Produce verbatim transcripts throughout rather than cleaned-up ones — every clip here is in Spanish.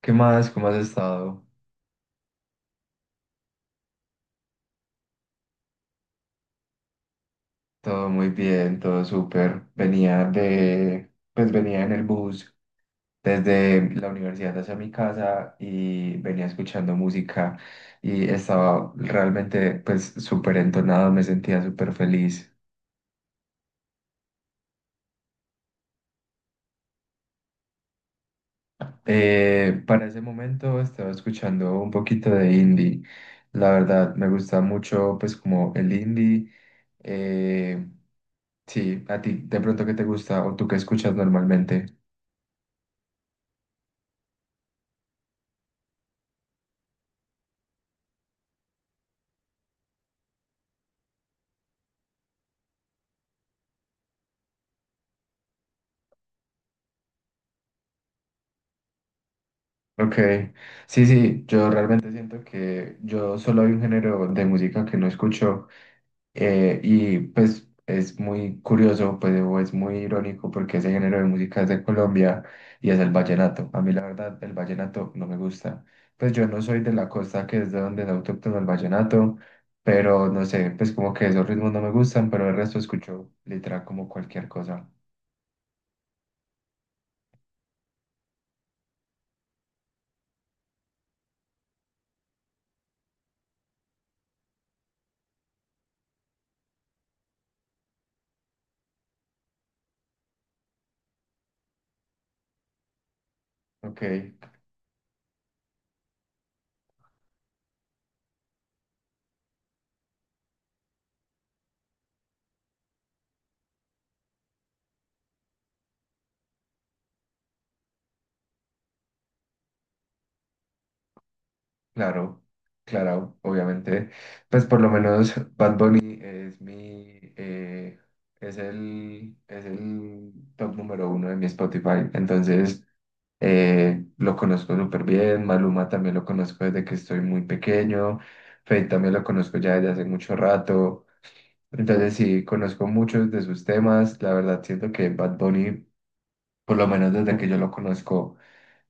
¿Qué más? ¿Cómo has estado? Todo muy bien, todo súper. Venía de, pues venía en el bus desde la universidad hacia mi casa y venía escuchando música y estaba realmente, pues, súper entonado, me sentía súper feliz. Eh, para ese momento estaba escuchando un poquito de indie. La verdad, me gusta mucho, pues, como el indie. Eh, sí, a ti de pronto qué te gusta o tú qué escuchas normalmente. Ok, sí, sí, yo realmente siento que yo solo hay un género de música que no escucho, eh, y pues es muy curioso, pues o es muy irónico porque ese género de música es de Colombia y es el vallenato. A mí la verdad el vallenato no me gusta. Pues yo no soy de la costa, que es de donde es autóctono el vallenato, pero no sé, pues como que esos ritmos no me gustan, pero el resto escucho literal como cualquier cosa. Ok. Claro, claro, obviamente. Pues por lo menos Bad Bunny es mi, eh, es el, es el top número uno de mi Spotify. Entonces, eh, lo conozco súper bien. Maluma también lo conozco desde que estoy muy pequeño. Feid también lo conozco ya desde hace mucho rato. Entonces, sí, conozco muchos de sus temas. La verdad, siento que Bad Bunny, por lo menos desde que yo lo conozco,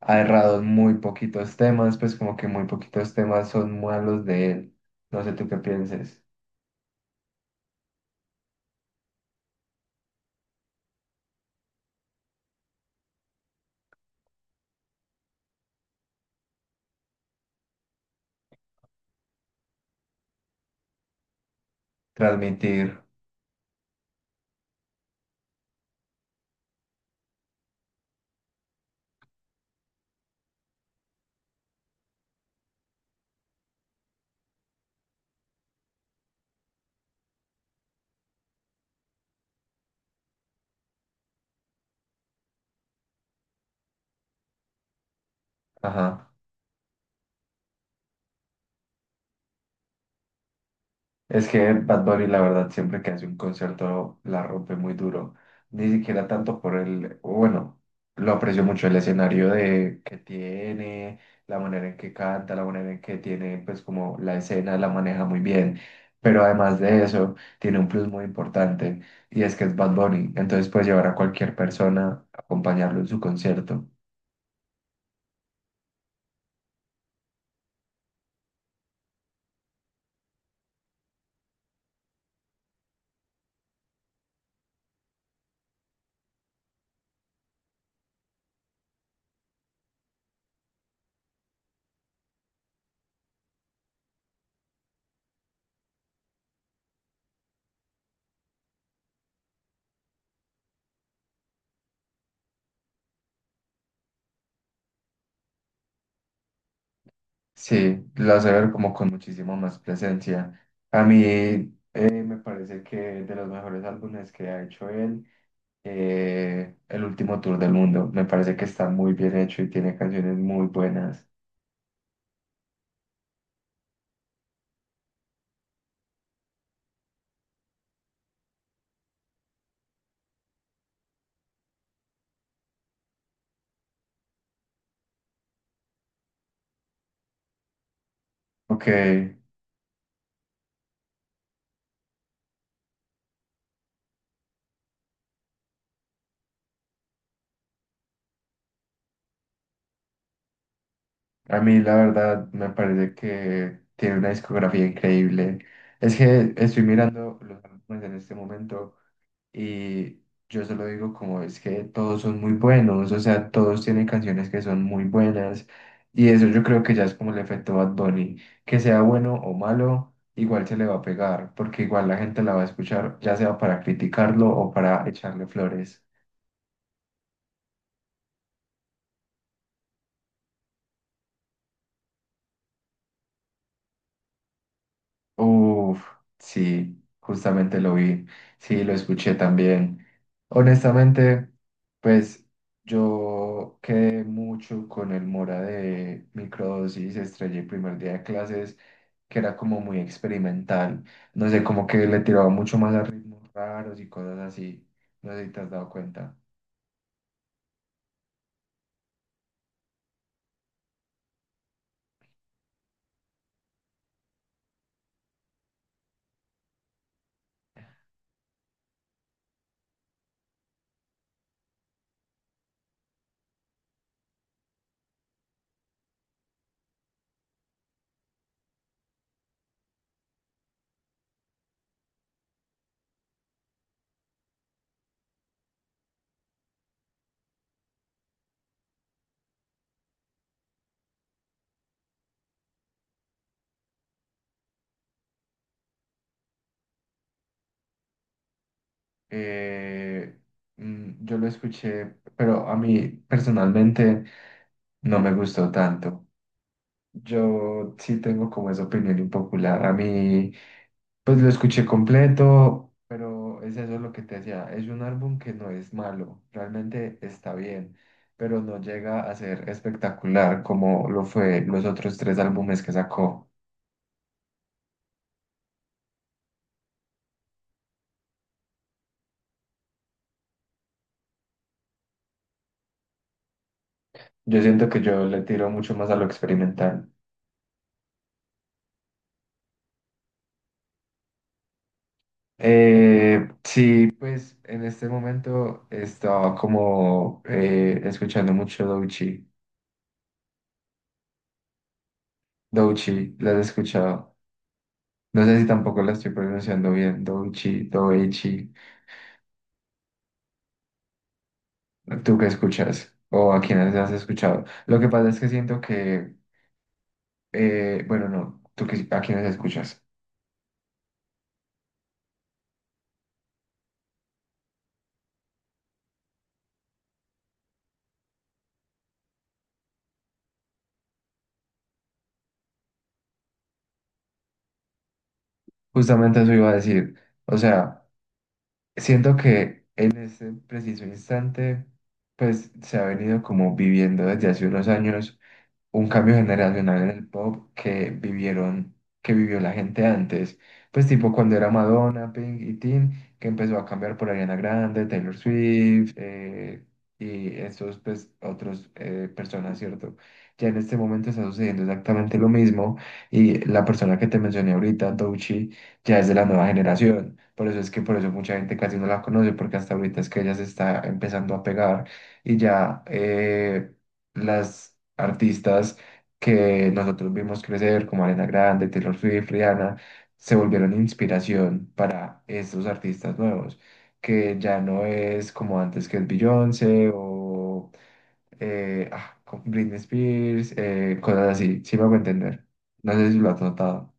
ha errado en muy poquitos temas, pues como que muy poquitos temas son malos de él. No sé tú qué pienses. Transmitir, ajá. Es que Bad Bunny, la verdad, siempre que hace un concierto la rompe muy duro. Ni siquiera tanto por el, bueno, lo aprecio mucho el escenario de que tiene, la manera en que canta, la manera en que tiene, pues como la escena la maneja muy bien. Pero además de eso, tiene un plus muy importante y es que es Bad Bunny. Entonces puede llevar a cualquier persona a acompañarlo en su concierto. Sí, lo hace ver como con muchísimo más presencia. A mí eh, me parece que de los mejores álbumes que ha hecho él, eh, el último tour del mundo, me parece que está muy bien hecho y tiene canciones muy buenas. Ok, a mí la verdad me parece que tiene una discografía increíble. Es que estoy mirando los álbumes en este momento. Y yo se lo digo, como es que todos son muy buenos, o sea, todos tienen canciones que son muy buenas. Y eso yo creo que ya es como el efecto Bad Bunny, que sea bueno o malo, igual se le va a pegar, porque igual la gente la va a escuchar, ya sea para criticarlo o para echarle flores. Uf, sí, justamente lo vi, sí, lo escuché también. Honestamente, pues yo quedé mucho con el Mora de microdosis, estrellé el primer día de clases, que era como muy experimental. No sé, como que le tiraba mucho más a ritmos raros y cosas así. No sé si te has dado cuenta. Eh, mm, yo lo escuché, pero a mí personalmente no me gustó tanto. Yo sí tengo como esa opinión impopular. A mí. Pues lo escuché completo, pero es eso lo que te decía. Es un álbum que no es malo, realmente está bien, pero no llega a ser espectacular como lo fue los otros tres álbumes que sacó. Yo siento que yo le tiro mucho más a lo experimental. Eh, sí, pues en este momento estaba como eh, escuchando mucho Douchi. Douchi, ¿la has escuchado? No sé si tampoco la estoy pronunciando bien. Douchi, Doechi. ¿Tú qué escuchas? ¿O a quiénes has escuchado? Lo que pasa es que siento que, eh, bueno, no, ¿tú qué, a quiénes escuchas? Justamente eso iba a decir. O sea, siento que en este preciso instante, pues se ha venido como viviendo desde hace unos años un cambio generacional en el pop que vivieron, que vivió la gente antes. Pues tipo cuando era Madonna, Pink y Teen, que empezó a cambiar por Ariana Grande, Taylor Swift, eh, y estos pues otros eh, personas, ¿cierto? Ya en este momento está sucediendo exactamente lo mismo y la persona que te mencioné ahorita, Doechii, ya es de la nueva generación. Por eso es que por eso mucha gente casi no la conoce, porque hasta ahorita es que ella se está empezando a pegar y ya eh, las artistas que nosotros vimos crecer, como Ariana Grande, Taylor Swift, Rihanna, se volvieron inspiración para estos artistas nuevos, que ya no es como antes que es Beyoncé o eh, ah, con Britney Spears, eh, cosas así, sí me hago entender. No sé si lo has notado.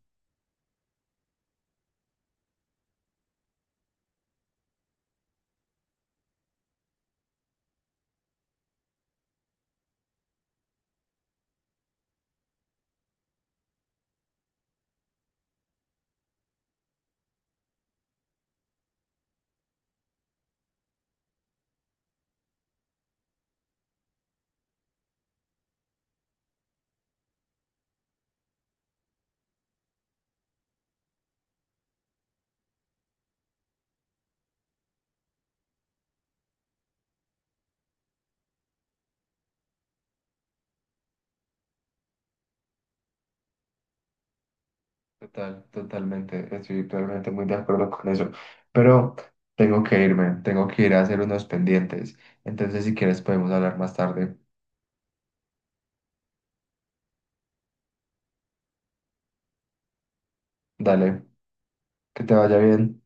Total, totalmente, estoy totalmente muy de acuerdo con eso. Pero tengo que irme, tengo que ir a hacer unos pendientes. Entonces, si quieres, podemos hablar más tarde. Dale. Que te vaya bien.